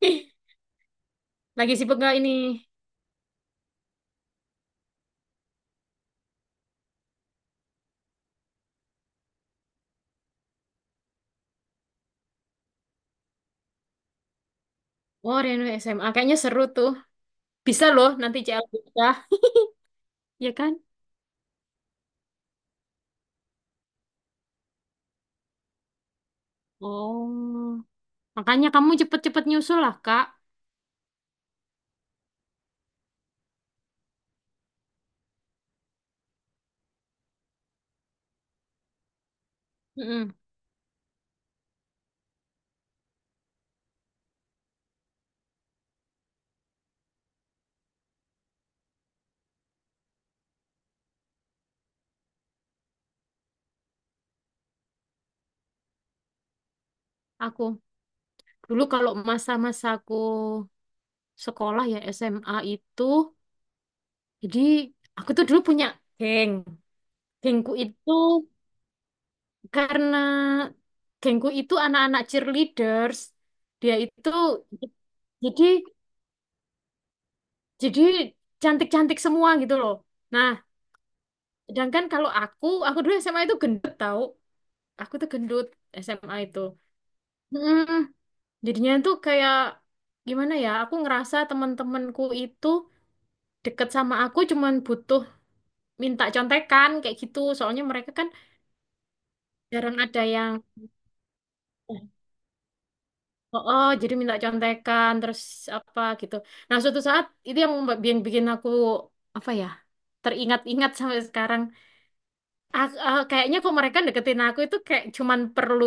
Ih, lagi sibuk gak ini? Oh, Reno SMA. Kayaknya seru tuh. Bisa loh nanti CL kita. Ya kan? Oh. Makanya kamu cepet-cepet nyusul lah, Kak. Mm-mm. Aku. Dulu kalau masa-masa aku sekolah ya SMA itu. Jadi, aku tuh dulu punya geng. Gengku itu karena gengku itu anak-anak cheerleaders. Dia itu jadi jadi cantik-cantik semua gitu loh. Nah, sedangkan kalau aku dulu SMA itu gendut tau. Aku tuh gendut SMA itu. Mm, Jadinya tuh kayak gimana ya? Aku ngerasa teman-temanku itu deket sama aku cuman butuh minta contekan kayak gitu. Soalnya mereka kan jarang ada yang. Oh, oh, jadi minta contekan terus apa gitu. Nah, suatu saat itu yang bikin aku apa ya? Teringat-ingat sampai sekarang. Kayaknya kok mereka deketin aku itu kayak cuman perlu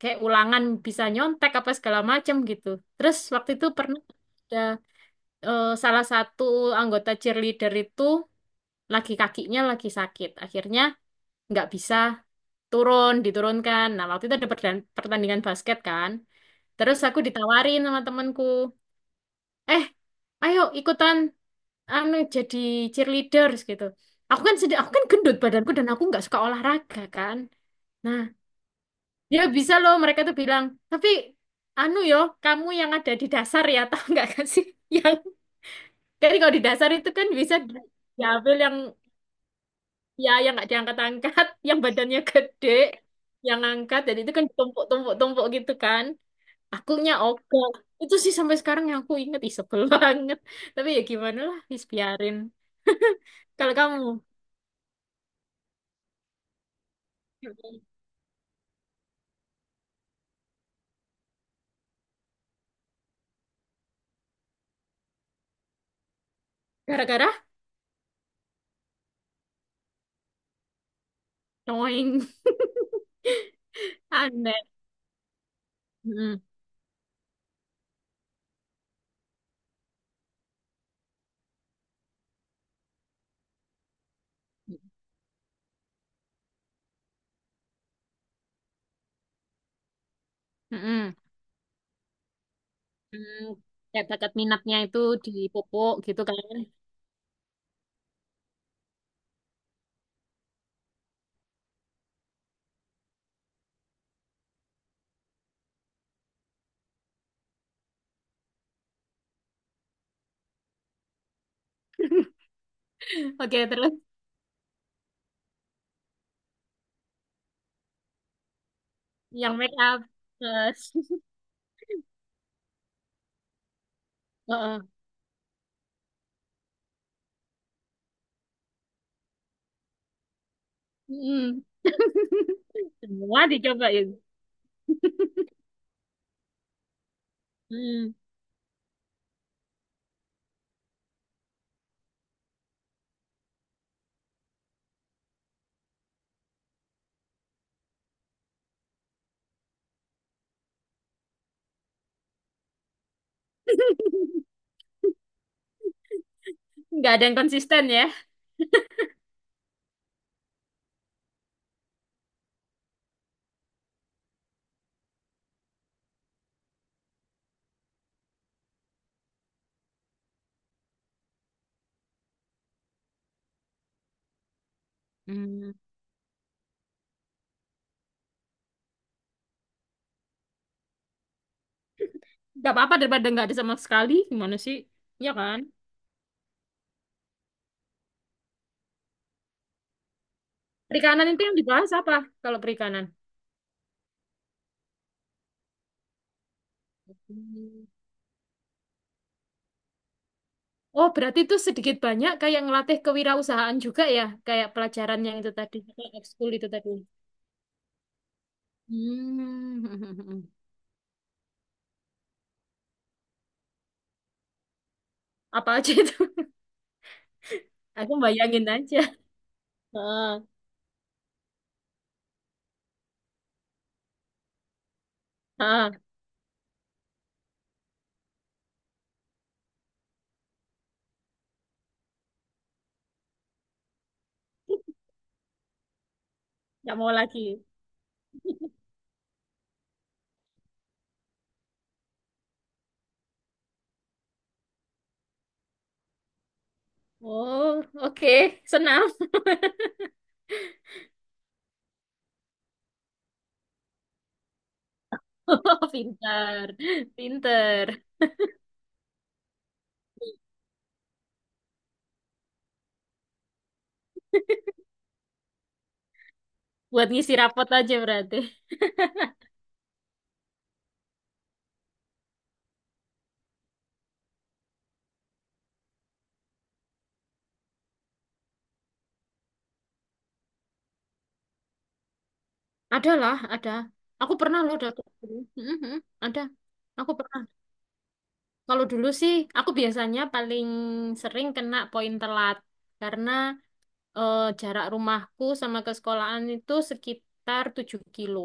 kayak ulangan bisa nyontek apa segala macem gitu. Terus waktu itu pernah ada salah satu anggota cheerleader itu lagi kakinya lagi sakit. Akhirnya nggak bisa turun, diturunkan. Nah, waktu itu ada pertandingan basket kan. Terus aku ditawarin sama temanku, eh ayo ikutan anu jadi cheerleaders gitu. Aku kan sedih, aku kan gendut badanku dan aku nggak suka olahraga kan. Nah, ya bisa loh mereka tuh bilang, tapi anu yo, kamu yang ada di dasar ya, tahu nggak kan sih? Yang kan kalau di dasar itu kan bisa diambil yang ya yang nggak diangkat-angkat, yang badannya gede, yang angkat dan itu kan ditumpuk-tumpuk-tumpuk gitu kan. Akunya oke. Itu sih sampai sekarang yang aku inget, ih sebel banget. Tapi ya gimana lah, wis biarin. Kalau kamu gara-gara doing aneh. Mm-mm. Mm-mm. Hmm, Kayak bakat minatnya itu dipupuk gitu kan. Oke, terus yang make up. Terus, heeh. Mm, Semua dicobain. Hmm. Nggak ada yang konsisten ya. Hmm. Nggak apa-apa daripada nggak ada sama sekali. Gimana sih? Ya kan? Perikanan itu yang dibahas apa kalau perikanan? Hmm. Oh, berarti itu sedikit banyak kayak ngelatih kewirausahaan juga ya, kayak pelajaran yang itu tadi, kayak ekskul itu tadi. Hmm. Apa aja itu? Aku bayangin aja. Heeh, heeh. Nggak mau lagi. Oh, oke. Senam. Pinter, pinter. Buat ngisi rapot aja berarti. Ada lah, ada. Aku pernah loh daftar dulu. Mhm, ada. Aku pernah. Kalau dulu sih, aku biasanya paling sering kena poin telat. Karena jarak rumahku sama ke sekolahan itu sekitar 7 kilo.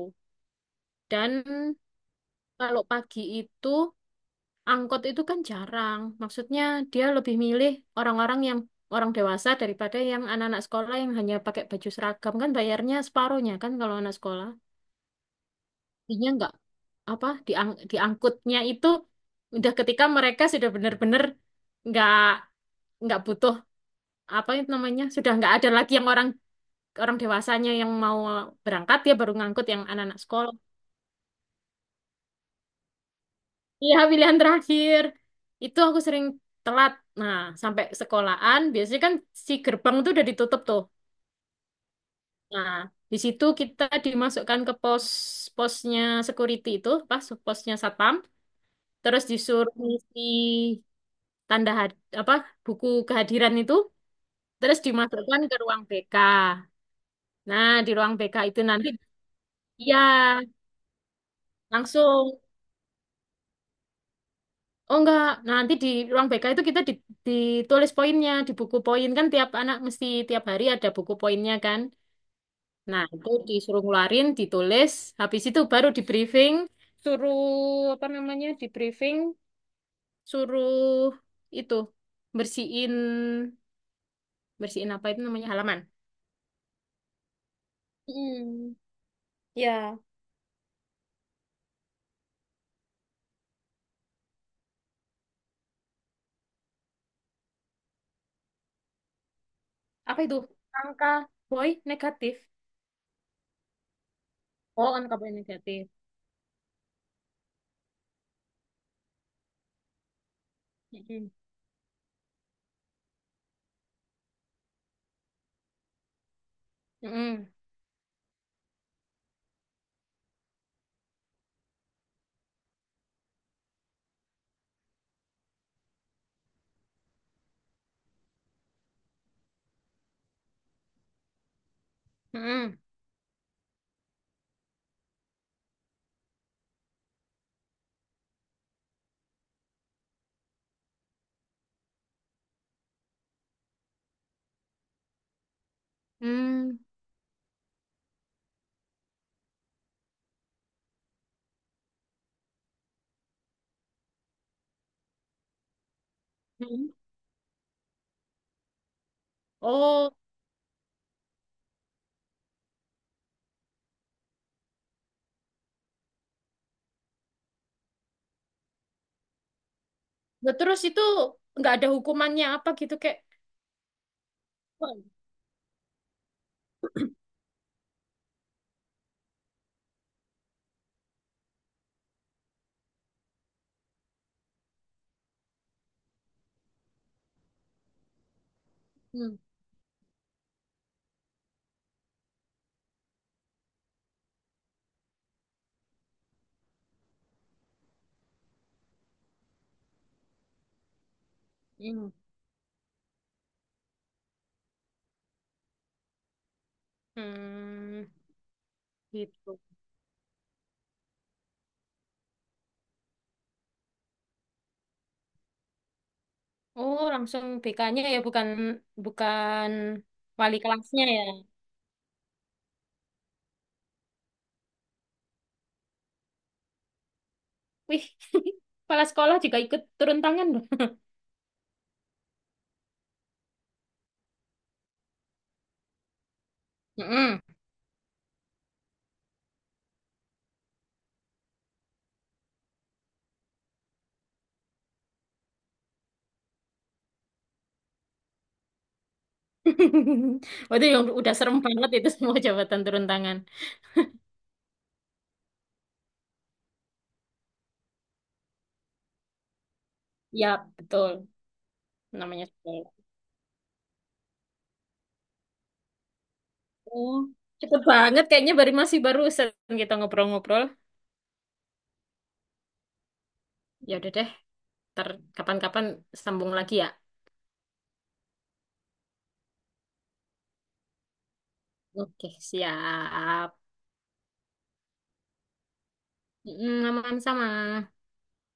Dan kalau pagi itu angkot itu kan jarang. Maksudnya dia lebih milih orang-orang yang orang dewasa daripada yang anak-anak sekolah yang hanya pakai baju seragam kan bayarnya separuhnya kan kalau anak sekolah. Jadinya nggak apa diangkutnya itu udah ketika mereka sudah benar-benar nggak nggak butuh apa itu namanya sudah nggak ada lagi yang orang orang dewasanya yang mau berangkat dia baru ngangkut yang anak-anak sekolah. Iya, pilihan terakhir. Itu aku sering telat. Nah, sampai sekolahan, biasanya kan si gerbang tuh udah ditutup tuh. Nah, di situ kita dimasukkan ke posnya security itu, pas posnya satpam, terus disuruh ngisi tanda had- apa buku kehadiran itu, terus dimasukkan ke ruang BK. Nah, di ruang BK itu nanti, iya, langsung. Oh enggak, nah nanti di ruang BK itu kita ditulis poinnya, di buku poin kan tiap anak mesti tiap hari ada buku poinnya kan. Nah, itu disuruh ngeluarin, ditulis, habis itu baru di briefing, suruh apa namanya? Di briefing, suruh itu bersihin bersihin apa itu namanya halaman. Hmm, ya. Apa itu? Angka boy negatif. Oh, angka boy negatif. Mm-mm. Mm-mm. Mm-mm. Mm. Mm-mm. Oh. Nah, terus itu nggak ada hukumannya apa gitu kayak. Oh, hmm. Hmm. Hmm, gitu. Oh, langsung BK-nya ya bukan bukan wali kelasnya ya. Wih, kepala sekolah juga ikut turun tangan loh. Mm-mm. Waduh, yang udah serem banget itu semua jabatan turun tangan. Ya, betul. Namanya sekolah. Oh, cepet banget kayaknya baru masih barusan kita ngobrol-ngobrol. Ya udah deh, ntar kapan-kapan sambung lagi ya. Oke, siap. Aman sama.